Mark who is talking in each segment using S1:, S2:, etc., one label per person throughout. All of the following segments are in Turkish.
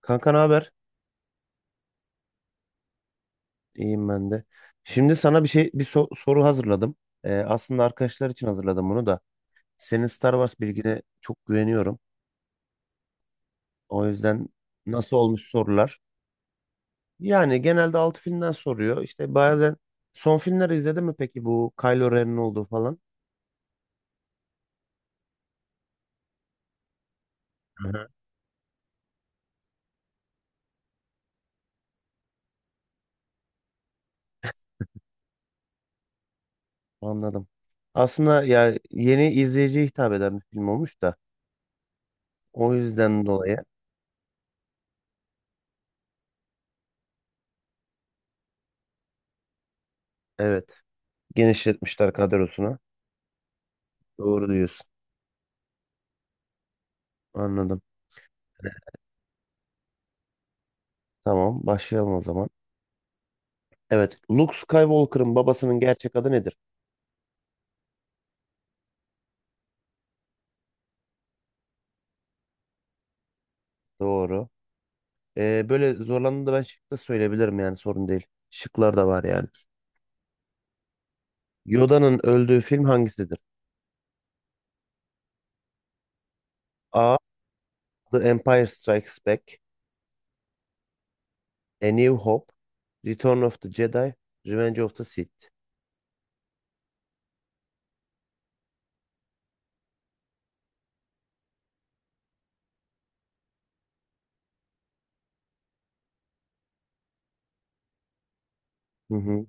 S1: Kanka ne haber? İyiyim ben de. Şimdi sana bir şey bir so- soru hazırladım. Aslında arkadaşlar için hazırladım bunu da. Senin Star Wars bilgine çok güveniyorum. O yüzden nasıl olmuş sorular? Yani genelde 6 filmden soruyor. İşte bazen son filmleri izledin mi peki bu Kylo Ren'in olduğu falan? Aha. Anladım. Aslında ya yeni izleyiciye hitap eden bir film olmuş da o yüzden dolayı evet, genişletmişler kadrosunu. Doğru diyorsun. Anladım. Evet, tamam başlayalım o zaman. Evet. Luke Skywalker'ın babasının gerçek adı nedir? Doğru. Böyle zorlandığında ben şık da söyleyebilirim yani sorun değil. Şıklar da var yani. Yoda'nın öldüğü film hangisidir? A. The Empire Strikes Back. A New Hope. Return of the Jedi. Revenge of the Sith. Hı hı.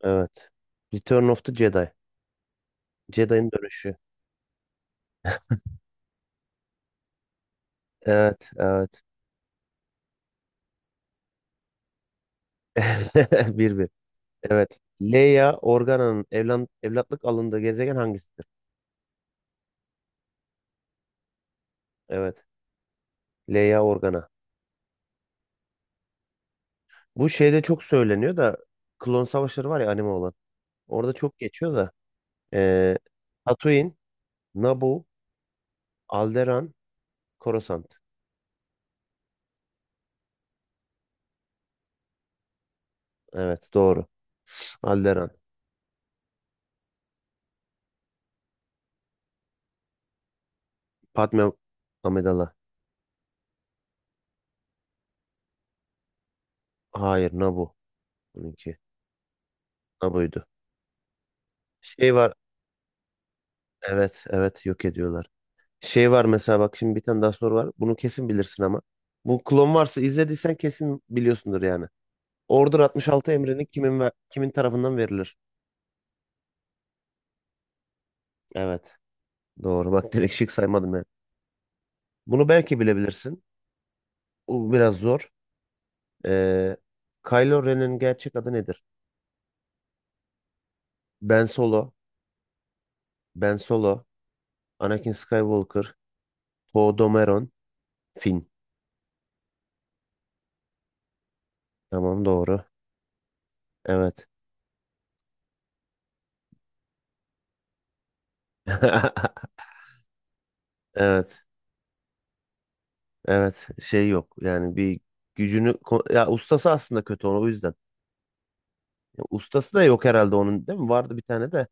S1: Evet. Return of the Jedi. Jedi'nin dönüşü. Evet, evet. Bir bir. Evet. Leia Organa'nın evlatlık alındığı gezegen hangisidir? Evet. Leia Organa. Bu şeyde çok söyleniyor da Klon Savaşları var ya, anime olan. Orada çok geçiyor da. Ee, Tatooine, Naboo, Alderaan, Coruscant. Evet, doğru. Alderaan. Padme Amidala. Hayır, Naboo. Bununki. Naboo'ydu. Şey var. Evet evet, yok ediyorlar. Şey var mesela, bak şimdi bir tane daha soru var. Bunu kesin bilirsin ama. Bu klon varsa izlediysen kesin biliyorsundur yani. Order 66 emrini kimin ve kimin tarafından verilir? Evet. Doğru. Bak direkt şık saymadım ya. Bunu belki bilebilirsin. Bu biraz zor. Ee, Kylo Ren'in gerçek adı nedir? Ben Solo, Ben Solo, Anakin Skywalker, Poe Dameron, Finn. Tamam, doğru. Evet. Evet. Evet. Şey yok. Yani bir gücünü ko- ya ustası aslında kötü, onu o yüzden. Ya ustası da yok herhalde onun, değil mi? Vardı bir tane de.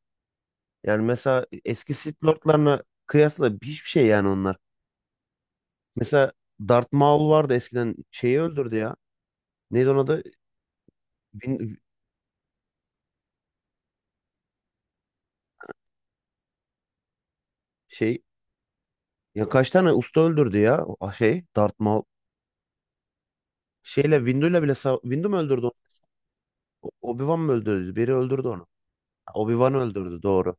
S1: Yani mesela eski Sith Lord'larına kıyasla hiçbir şey yani onlar. Mesela Darth Maul vardı eskiden, şeyi öldürdü ya. Neydi onun adı? Bin, şey. Ya kaç tane usta öldürdü ya o şey Darth Maul. Şeyle Windu'yla bile sav- Windu mu öldürdü onu? Obi-Wan mı öldürdü? Biri öldürdü onu. Ha, Obi-Wan öldürdü, doğru.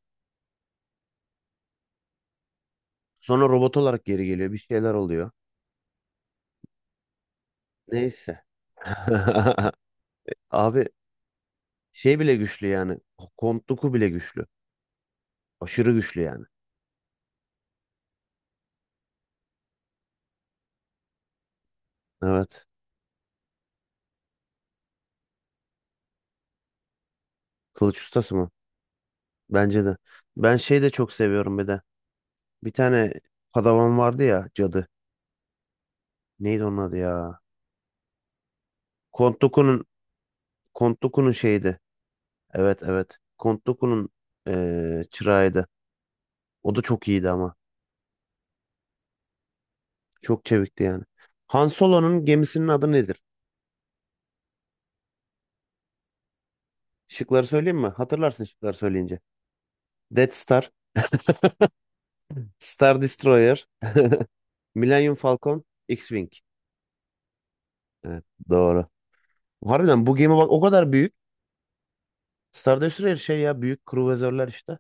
S1: Sonra robot olarak geri geliyor. Bir şeyler oluyor. Neyse. Abi şey bile güçlü yani. Count Dooku bile güçlü. Aşırı güçlü yani. Evet. Kılıç ustası mı? Bence de. Ben şey de çok seviyorum bir de. Bir tane padavan vardı ya, cadı. Neydi onun adı ya? Count Dooku'nun Count Dooku'nun şeydi. Evet, evet. Count Dooku'nun çırağıydı. O da çok iyiydi ama. Çok çevikti yani. Han Solo'nun gemisinin adı nedir? Şıkları söyleyeyim mi? Hatırlarsın şıkları söyleyince. Death Star, Star Destroyer, Millennium Falcon, X-Wing. Evet, doğru. Harbiden bu gemi bak o kadar büyük. Star Destroyer şey ya, büyük kruvazörler işte.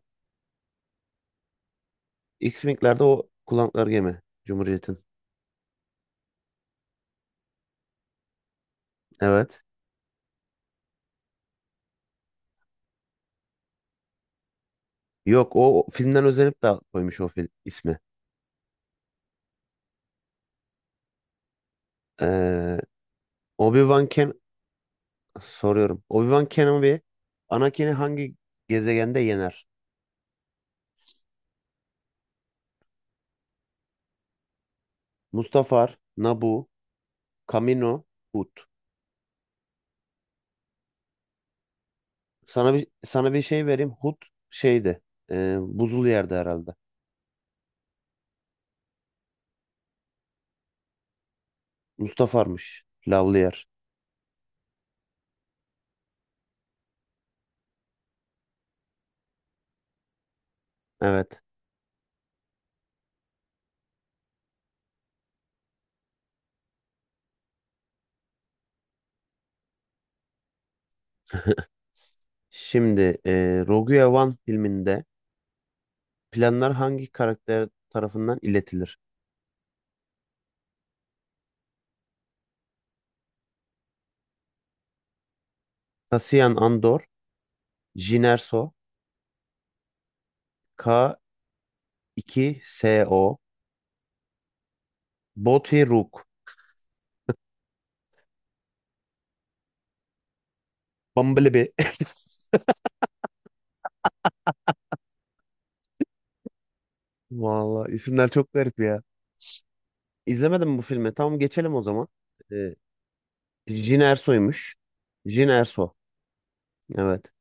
S1: X-Wing'lerde o kullandıkları gemi. Cumhuriyet'in. Evet. Yok, o filmden özenip de koymuş o film ismi. Eee Obi-Wan Ken Soruyorum. Obi-Wan Kenobi Anakin'i hangi gezegende yener? Mustafar, Naboo, Kamino, Hut. Sana bir şey vereyim. Hut şeydi. E, buzul yerde herhalde. Mustafar'mış. Lavlı yer. Evet. Şimdi Rogue One filminde planlar hangi karakter tarafından iletilir? Cassian Andor, Jyn Erso, K2SO, Bothy Rook, Bumblebee. Vallahi isimler çok garip ya. İzlemedim bu filmi. Tamam geçelim o zaman. Ee, Jin Erso'ymuş. Jin Erso. Evet.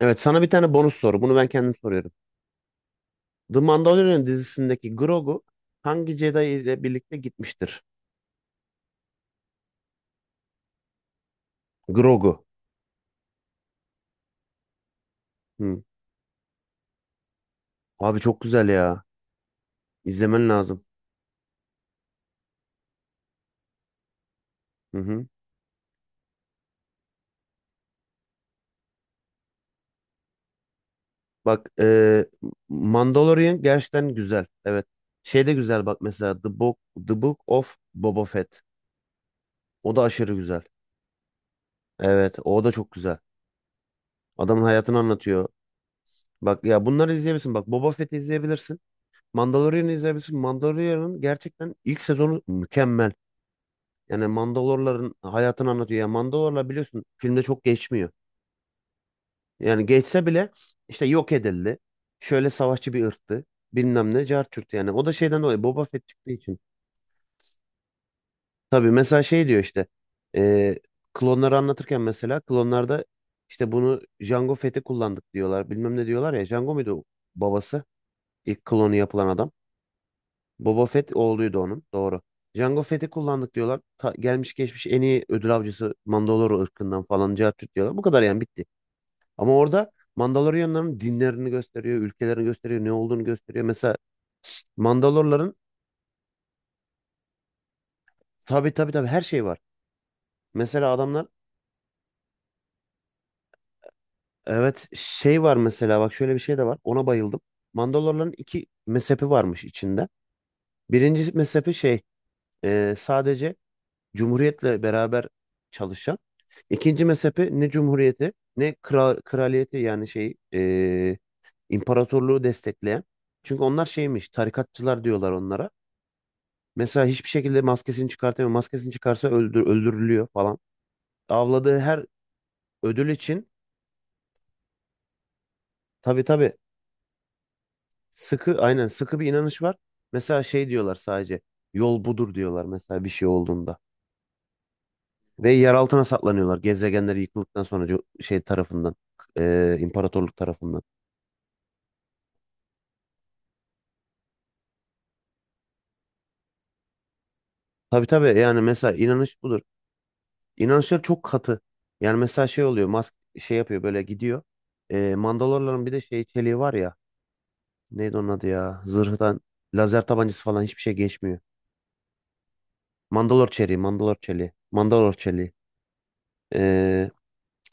S1: Evet, sana bir tane bonus soru. Bunu ben kendim soruyorum. The Mandalorian dizisindeki Grogu hangi Jedi ile birlikte gitmiştir? Grogu. Hı. Abi çok güzel ya. İzlemen lazım. Hı hı. Bak, Mandalorian gerçekten güzel. Evet. Şey de güzel bak mesela The Book of Boba Fett. O da aşırı güzel. Evet, o da çok güzel. Adamın hayatını anlatıyor. Bak ya, bunları izleyebilirsin. Bak, Boba Fett'i izleyebilirsin. Mandalorian'ı izleyebilirsin. Mandalorian'ın gerçekten ilk sezonu mükemmel. Yani Mandalorların hayatını anlatıyor. Ya Mandalorlar biliyorsun filmde çok geçmiyor. Yani geçse bile işte yok edildi. Şöyle savaşçı bir ırktı. Bilmem ne cart curt yani. O da şeyden dolayı Boba Fett çıktığı için. Tabii mesela şey diyor işte. e, Klonları anlatırken mesela klonlarda işte bunu Jango Fett'i kullandık diyorlar. Bilmem ne diyorlar ya. Jango muydu o babası? İlk klonu yapılan adam. Boba Fett oğluydu onun. Doğru. Jango Fett'i kullandık diyorlar. Gelmiş geçmiş en iyi ödül avcısı Mandalore ırkından falan cart diyorlar. Bu kadar yani, bitti. Ama orada Mandalorianların dinlerini gösteriyor, ülkelerini gösteriyor, ne olduğunu gösteriyor. Mesela Mandalorların tabii tabii tabii her şey var. Mesela adamlar evet, şey var mesela bak, şöyle bir şey de var. Ona bayıldım. Mandalorların 2 mezhepi varmış içinde. Birincisi mezhepi şey, sadece Cumhuriyetle beraber çalışan. İkinci mezhepe ne cumhuriyeti ne kral, kraliyeti yani şey, imparatorluğu destekleyen. Çünkü onlar şeymiş, tarikatçılar diyorlar onlara. Mesela hiçbir şekilde maskesini çıkartamıyor. Maskesini çıkarsa öldürülüyor falan. Avladığı her ödül için tabii tabii sıkı, aynen sıkı bir inanış var. Mesela şey diyorlar, sadece yol budur diyorlar mesela bir şey olduğunda. Ve yer altına saklanıyorlar, gezegenleri yıkıldıktan sonra şey tarafından, imparatorluk tarafından. Tabii tabii, yani mesela inanış budur. İnanışlar çok katı. Yani mesela şey oluyor, Musk şey yapıyor, böyle gidiyor. Mandalorların bir de şey çeliği var ya. Neydi onun adı ya? Zırhtan lazer tabancası falan hiçbir şey geçmiyor. Mandalor çeliği, Mandalor çeliği, Mandalor çeliği. Ee,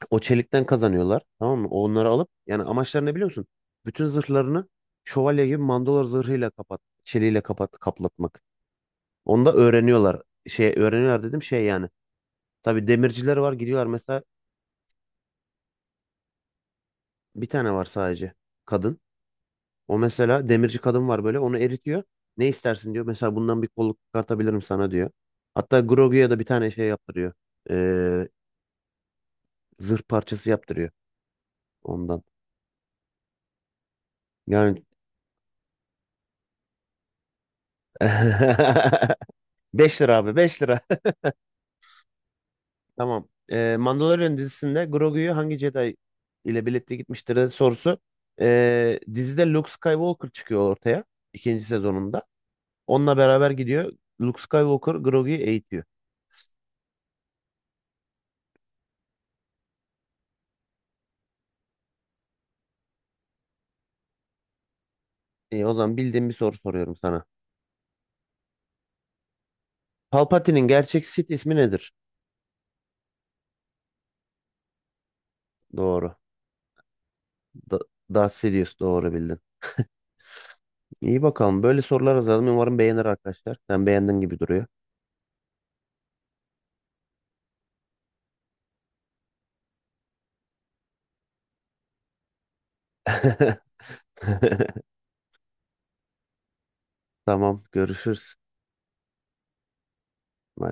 S1: O çelikten kazanıyorlar, tamam mı? Onları alıp, yani amaçları ne biliyor musun? Bütün zırhlarını şövalye gibi Mandalor zırhıyla çeliğiyle kapat, kaplatmak. Onu da öğreniyorlar. Şey öğreniyorlar dedim, şey yani. Tabii demirciler var, gidiyorlar mesela. Bir tane var sadece. Kadın. O mesela demirci kadın var böyle. Onu eritiyor. Ne istersin diyor. Mesela bundan bir kolluk çıkartabilirim sana diyor. Hatta Grogu'ya da bir tane şey yaptırıyor. Ee, Zırh parçası yaptırıyor ondan. Yani 5 lira abi, 5 lira. Tamam. Mandalorian dizisinde Grogu'yu hangi Jedi ile birlikte gitmiştir sorusu. Dizide Luke Skywalker çıkıyor ortaya. İkinci sezonunda. Onunla beraber gidiyor. Luke Skywalker Grogu'yu eğitiyor. İyi, o zaman bildiğim bir soru soruyorum sana. Palpatine'in gerçek Sith ismi nedir? Doğru. Da Darth Sidious, doğru bildin. İyi bakalım. Böyle sorular hazırladım. Umarım beğenir arkadaşlar. Sen beğendin gibi duruyor. Tamam, görüşürüz. Bye.